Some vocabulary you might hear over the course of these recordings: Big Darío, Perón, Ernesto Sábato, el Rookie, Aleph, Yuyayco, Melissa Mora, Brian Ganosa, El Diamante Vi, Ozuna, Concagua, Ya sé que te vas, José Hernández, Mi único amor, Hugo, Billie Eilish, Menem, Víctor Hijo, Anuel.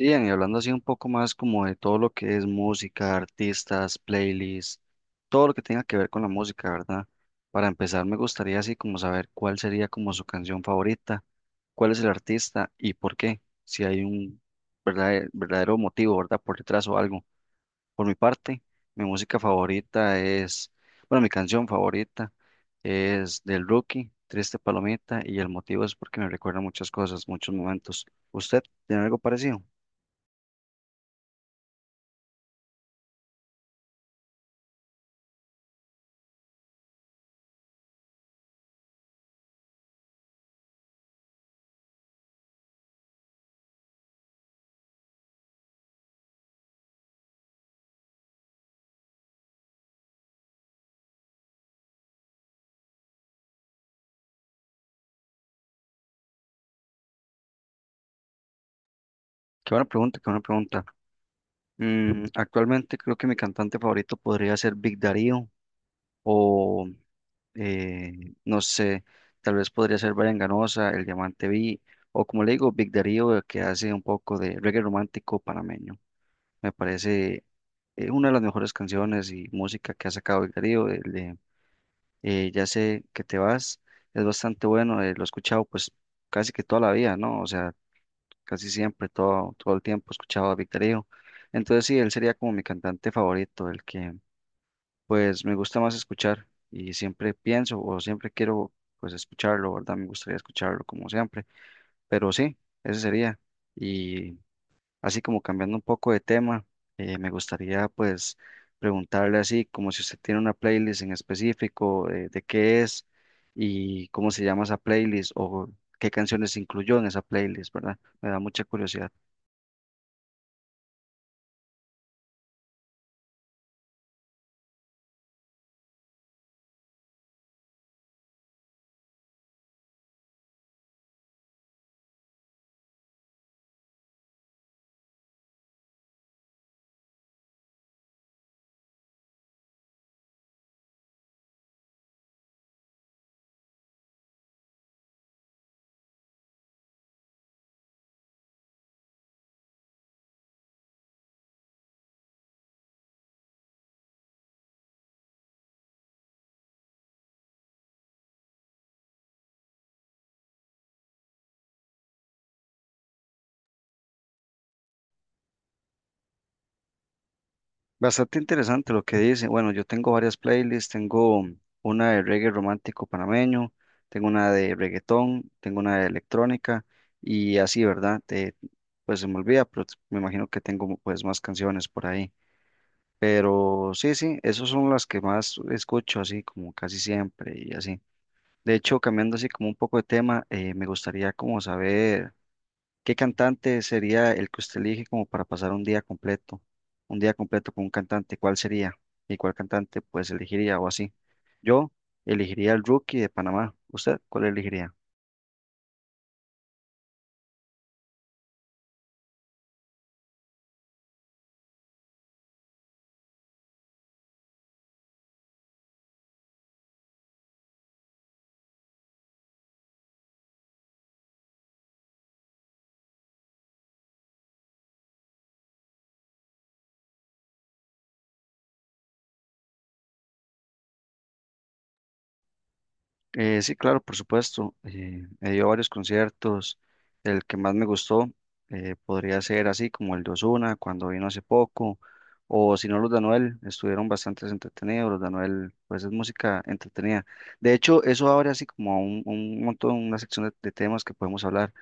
Sí, Ian, y hablando así un poco más como de todo lo que es música, artistas, playlists, todo lo que tenga que ver con la música, ¿verdad? Para empezar, me gustaría así como saber cuál sería como su canción favorita, cuál es el artista y por qué, si hay un verdadero, verdadero motivo, ¿verdad? Por detrás o algo. Por mi parte, mi música favorita es, bueno, mi canción favorita es del Rookie, Triste Palomita, y el motivo es porque me recuerda muchas cosas, muchos momentos. ¿Usted tiene algo parecido? Qué buena pregunta, qué buena pregunta. Actualmente creo que mi cantante favorito podría ser Big Darío o no sé, tal vez podría ser Brian Ganosa, El Diamante Vi o como le digo, Big Darío que hace un poco de reggae romántico panameño. Me parece una de las mejores canciones y música que ha sacado Big Darío, el de Ya sé que te vas, es bastante bueno, lo he escuchado pues casi que toda la vida, ¿no? O sea, casi siempre, todo el tiempo escuchaba a Víctor Hijo. Entonces sí, él sería como mi cantante favorito, el que pues me gusta más escuchar y siempre pienso o siempre quiero pues escucharlo, ¿verdad? Me gustaría escucharlo como siempre, pero sí, ese sería. Y así como cambiando un poco de tema, me gustaría pues preguntarle así como si usted tiene una playlist en específico, de qué es y cómo se llama esa playlist o qué canciones incluyó en esa playlist, ¿verdad? Me da mucha curiosidad. Bastante interesante lo que dice. Bueno, yo tengo varias playlists, tengo una de reggae romántico panameño, tengo una de reggaetón, tengo una de electrónica y así, ¿verdad? Pues se me olvida, pero me imagino que tengo pues más canciones por ahí. Pero sí, sí, esas son las que más escucho así como casi siempre y así. De hecho, cambiando así como un poco de tema, me gustaría como saber, ¿qué cantante sería el que usted elige como para pasar un día completo? Un día completo con un cantante, ¿cuál sería? ¿Y cuál cantante pues elegiría o así? Yo elegiría el Rookie de Panamá. ¿Usted cuál elegiría? Sí, claro, por supuesto. He ido a varios conciertos. El que más me gustó podría ser así como el de Ozuna cuando vino hace poco, o si no los de Anuel, estuvieron bastante entretenidos. Los de Anuel, pues es música entretenida. De hecho, eso abre así como a un montón, una sección de temas que podemos hablar.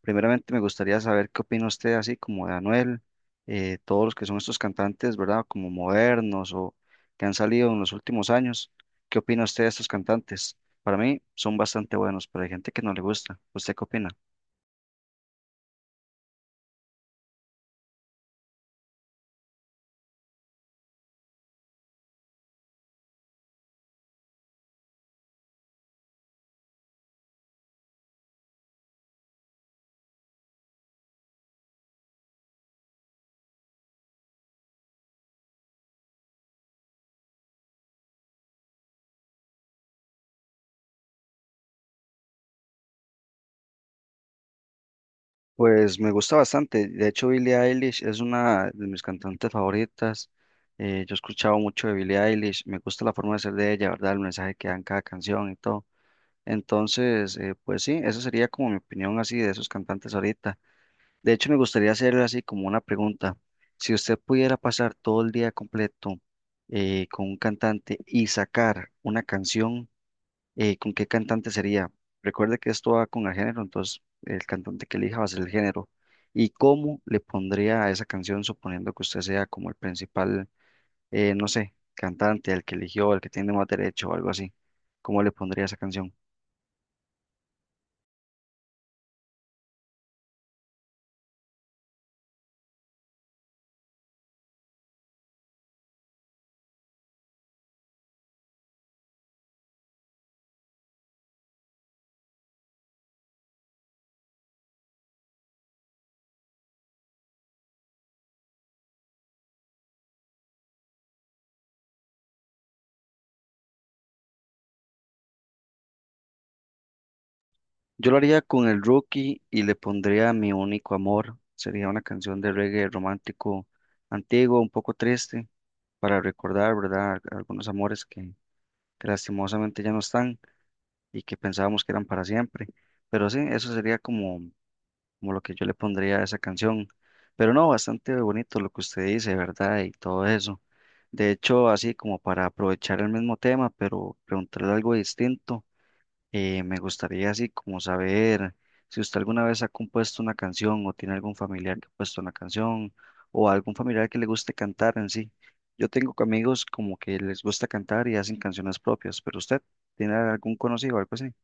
Primeramente me gustaría saber qué opina usted así como de Anuel, todos los que son estos cantantes, ¿verdad? Como modernos o que han salido en los últimos años. ¿Qué opina usted de estos cantantes? Para mí son bastante buenos, pero hay gente que no le gusta. ¿Usted qué opina? Pues me gusta bastante. De hecho, Billie Eilish es una de mis cantantes favoritas. Yo he escuchado mucho de Billie Eilish. Me gusta la forma de ser de ella, ¿verdad? El mensaje que dan cada canción y todo. Entonces, pues sí, esa sería como mi opinión así de esos cantantes ahorita. De hecho, me gustaría hacerle así como una pregunta. Si usted pudiera pasar todo el día completo con un cantante y sacar una canción, ¿con qué cantante sería? Recuerde que esto va con el género, entonces el cantante que elija va a ser el género. ¿Y cómo le pondría a esa canción, suponiendo que usted sea como el principal, no sé, cantante, el que eligió, el que tiene más derecho o algo así? ¿Cómo le pondría esa canción? Yo lo haría con el Rookie y le pondría Mi único amor. Sería una canción de reggae romántico antiguo, un poco triste, para recordar, ¿verdad? Algunos amores que lastimosamente ya no están y que pensábamos que eran para siempre. Pero sí, eso sería como, como lo que yo le pondría a esa canción. Pero no, bastante bonito lo que usted dice, ¿verdad? Y todo eso. De hecho, así como para aprovechar el mismo tema, pero preguntarle algo distinto. Me gustaría así como saber si usted alguna vez ha compuesto una canción o tiene algún familiar que ha puesto una canción o algún familiar que le guste cantar en sí. Yo tengo amigos como que les gusta cantar y hacen canciones propias, pero usted tiene algún conocido o algo así.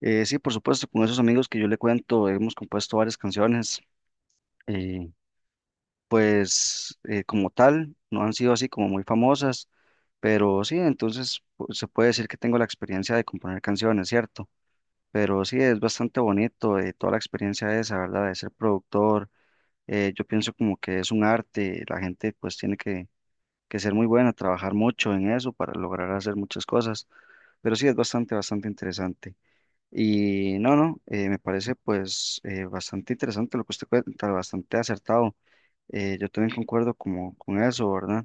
Sí, por supuesto, con esos amigos que yo le cuento hemos compuesto varias canciones, eh, pues como tal, no han sido así como muy famosas, pero sí, entonces se puede decir que tengo la experiencia de componer canciones, ¿cierto? Pero sí, es bastante bonito toda la experiencia esa, ¿verdad? De ser productor. Yo pienso como que es un arte, la gente pues tiene que ser muy buena, trabajar mucho en eso para lograr hacer muchas cosas. Pero sí, es bastante, bastante interesante. Y no, no, me parece pues bastante interesante lo que usted cuenta, bastante acertado. Yo también concuerdo como con eso, ¿verdad?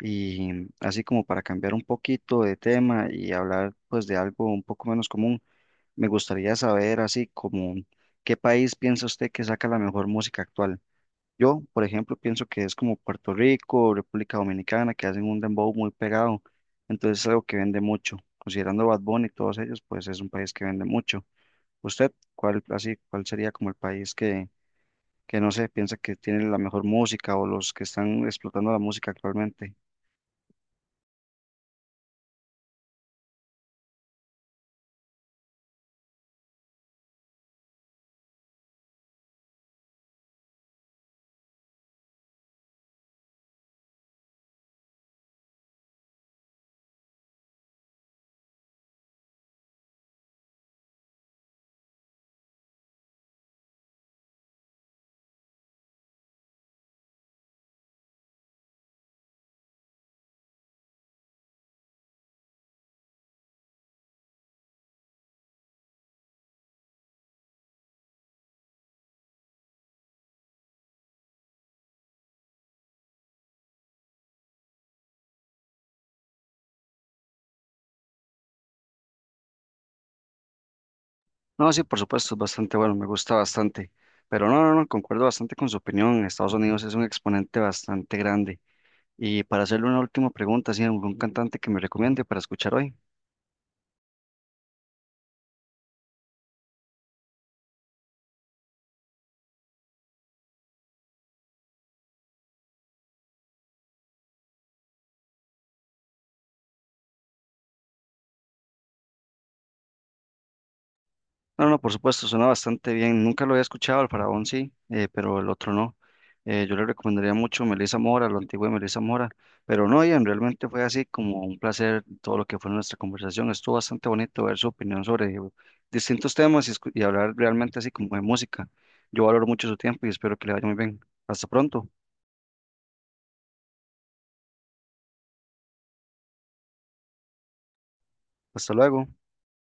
Y así como para cambiar un poquito de tema y hablar pues de algo un poco menos común. Me gustaría saber, así como, ¿qué país piensa usted que saca la mejor música actual? Yo, por ejemplo, pienso que es como Puerto Rico, República Dominicana, que hacen un dembow muy pegado. Entonces es algo que vende mucho. Considerando Bad Bunny y todos ellos, pues es un país que vende mucho. ¿Usted cuál, así, cuál sería como el país que no sé, piensa que tiene la mejor música o los que están explotando la música actualmente? No, sí, por supuesto, es bastante bueno, me gusta bastante. Pero no, no, no, concuerdo bastante con su opinión. Estados Unidos es un exponente bastante grande. Y para hacerle una última pregunta, ¿sí, algún cantante que me recomiende para escuchar hoy? No, no, por supuesto, suena bastante bien. Nunca lo había escuchado, el Faraón sí, pero el otro no. Yo le recomendaría mucho Melissa Mora, lo antiguo de Melissa Mora. Pero no, Ian, realmente fue así como un placer todo lo que fue nuestra conversación. Estuvo bastante bonito ver su opinión sobre distintos temas y, y hablar realmente así como de música. Yo valoro mucho su tiempo y espero que le vaya muy bien. Hasta pronto, hasta luego.